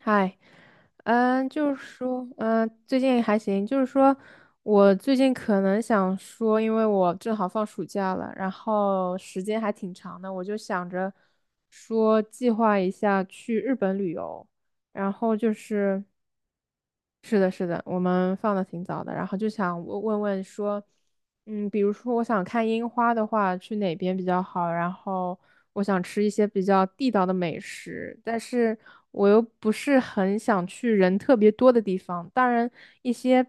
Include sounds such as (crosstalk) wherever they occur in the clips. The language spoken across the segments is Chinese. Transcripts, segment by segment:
嗨，就是说，最近还行。就是说，我最近可能想说，因为我正好放暑假了，然后时间还挺长的，我就想着说计划一下去日本旅游。然后就是，是的，是的，我们放的挺早的，然后就想问问说，比如说我想看樱花的话，去哪边比较好？然后我想吃一些比较地道的美食，但是我又不是很想去人特别多的地方。当然，一些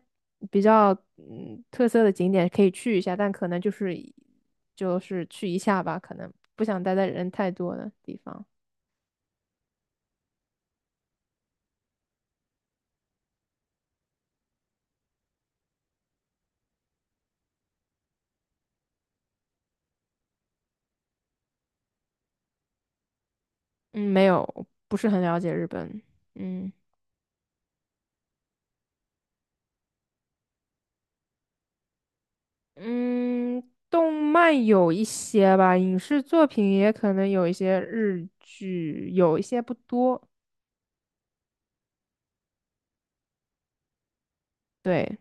比较特色的景点可以去一下，但可能就是去一下吧，可能不想待在人太多的地方。嗯，没有，不是很了解日本。嗯。嗯，动漫有一些吧，影视作品也可能有一些日剧，有一些不多。对，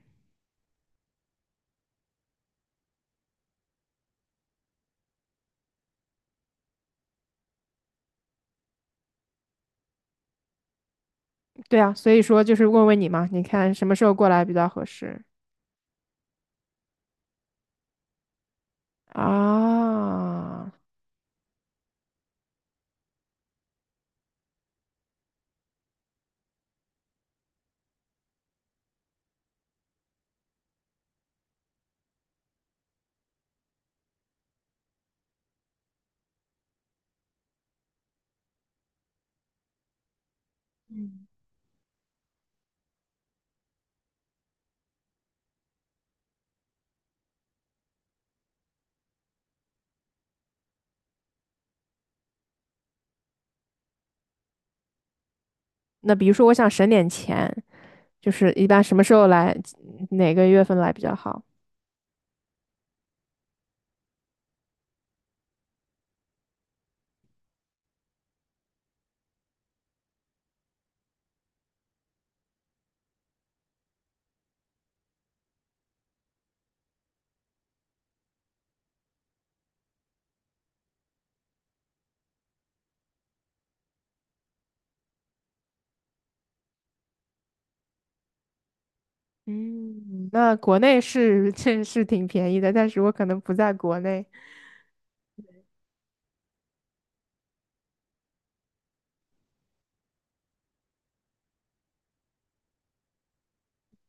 对啊，所以说就是问问你嘛，你看什么时候过来比较合适啊？嗯，那比如说我想省点钱，就是一般什么时候来，哪个月份来比较好？嗯，那国内是 (laughs) 这是挺便宜的，但是我可能不在国内。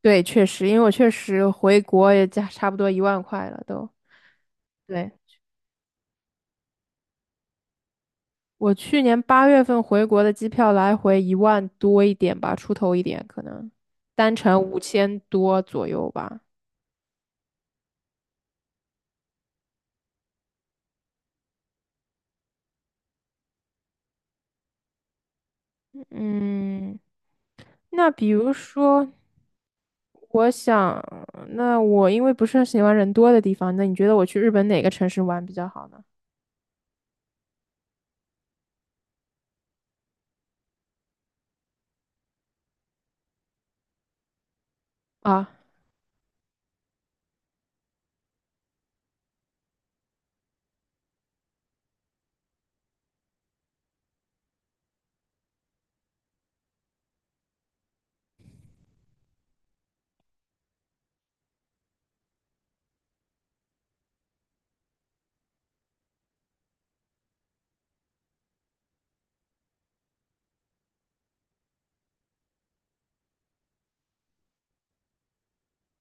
对，确实，因为我确实回国也加差不多10000块了都。对，我去年8月份回国的机票来回10000多一点吧，出头一点，可能单程5000多左右吧。嗯，那比如说，我想，那我因为不是很喜欢人多的地方，那你觉得我去日本哪个城市玩比较好呢？啊，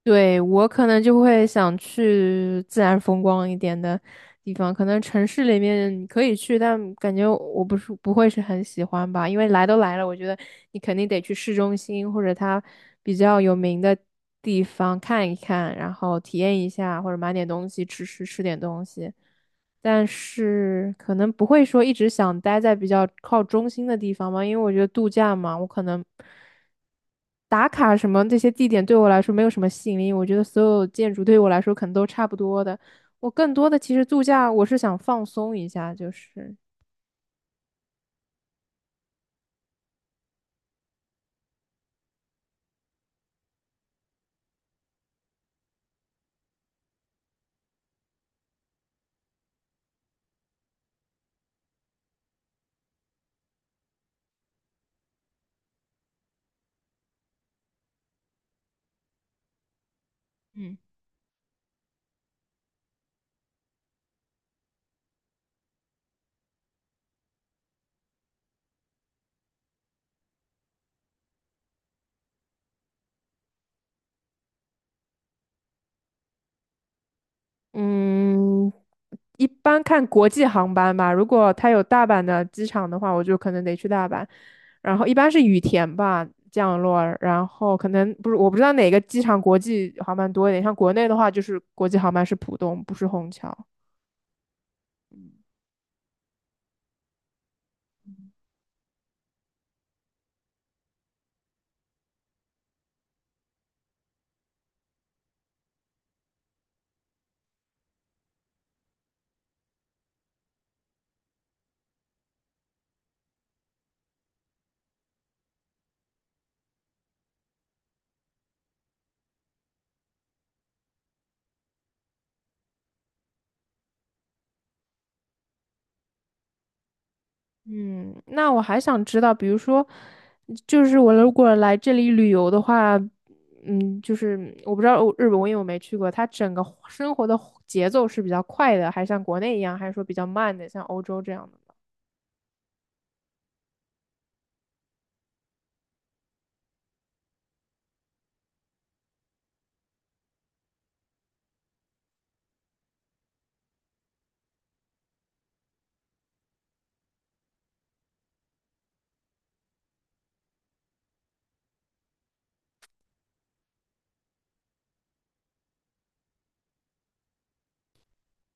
对，我可能就会想去自然风光一点的地方，可能城市里面你可以去，但感觉我不是不会是很喜欢吧，因为来都来了，我觉得你肯定得去市中心或者它比较有名的地方看一看，然后体验一下，或者买点东西吃点东西。但是可能不会说一直想待在比较靠中心的地方嘛，因为我觉得度假嘛，我可能打卡什么这些地点对我来说没有什么吸引力，我觉得所有建筑对我来说可能都差不多的，我更多的其实度假，我是想放松一下，就是嗯，嗯，一般看国际航班吧。如果它有大阪的机场的话，我就可能得去大阪。然后一般是羽田吧降落，然后可能不是我不知道哪个机场国际航班多一点，像国内的话就是国际航班是浦东，不是虹桥。嗯，那我还想知道，比如说，就是我如果来这里旅游的话，就是我不知道日本，我因为我没去过，它整个生活的节奏是比较快的，还是像国内一样，还是说比较慢的，像欧洲这样的？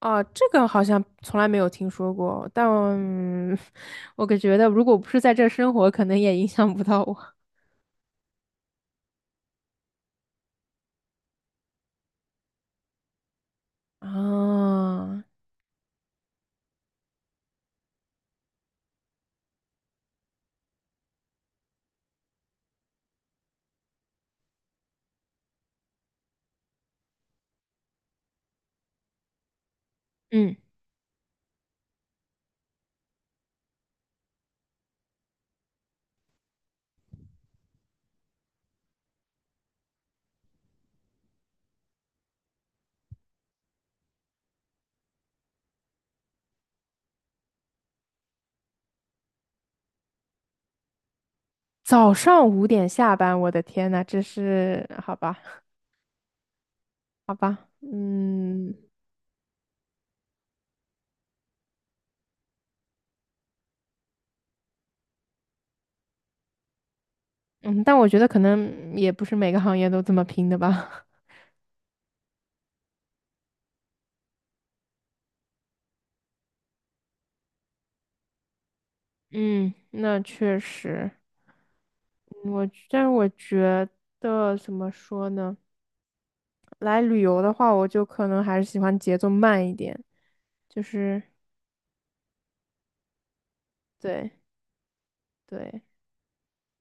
啊，这个好像从来没有听说过，但(laughs) 我感觉得如果不是在这生活，可能也影响不到我。(laughs) 啊，嗯，早上5点下班，我的天呐，这是好吧，好吧，嗯。嗯，但我觉得可能也不是每个行业都这么拼的吧。(laughs) 嗯，那确实，但是我觉得怎么说呢？来旅游的话，我就可能还是喜欢节奏慢一点，就是对对，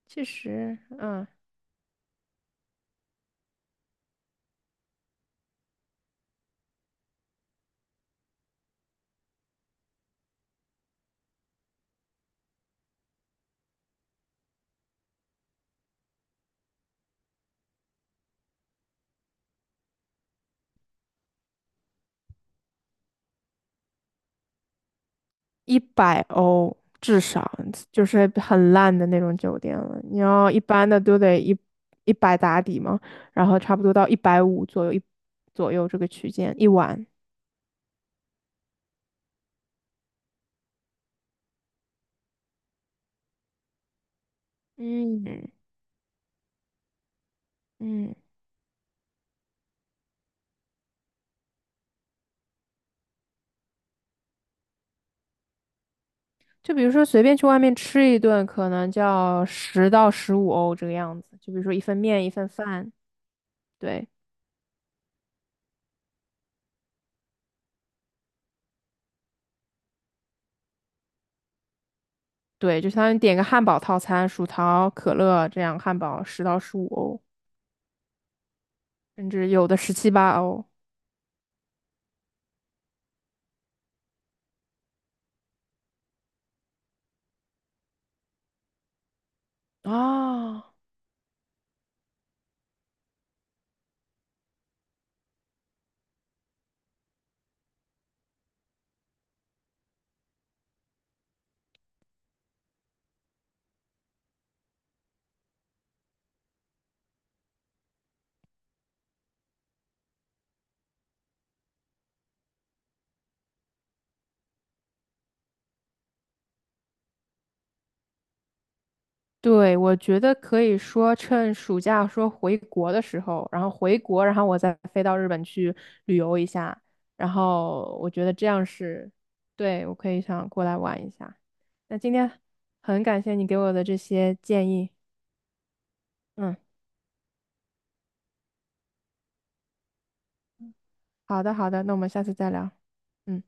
其实100欧至少就是很烂的那种酒店了。你要一般的都得一百打底嘛，然后差不多到150左右这个区间一晚。嗯嗯，就比如说随便去外面吃一顿，可能叫十到十五欧这个样子。就比如说一份面一份饭，对对，就相当于点个汉堡套餐，薯条、可乐这样，汉堡十到十五欧，甚至有的十七八欧啊。对，我觉得可以说趁暑假说回国的时候，然后回国，然后我再飞到日本去旅游一下，然后我觉得这样是，对，我可以想过来玩一下。那今天很感谢你给我的这些建议，嗯，好的好的，那我们下次再聊，嗯。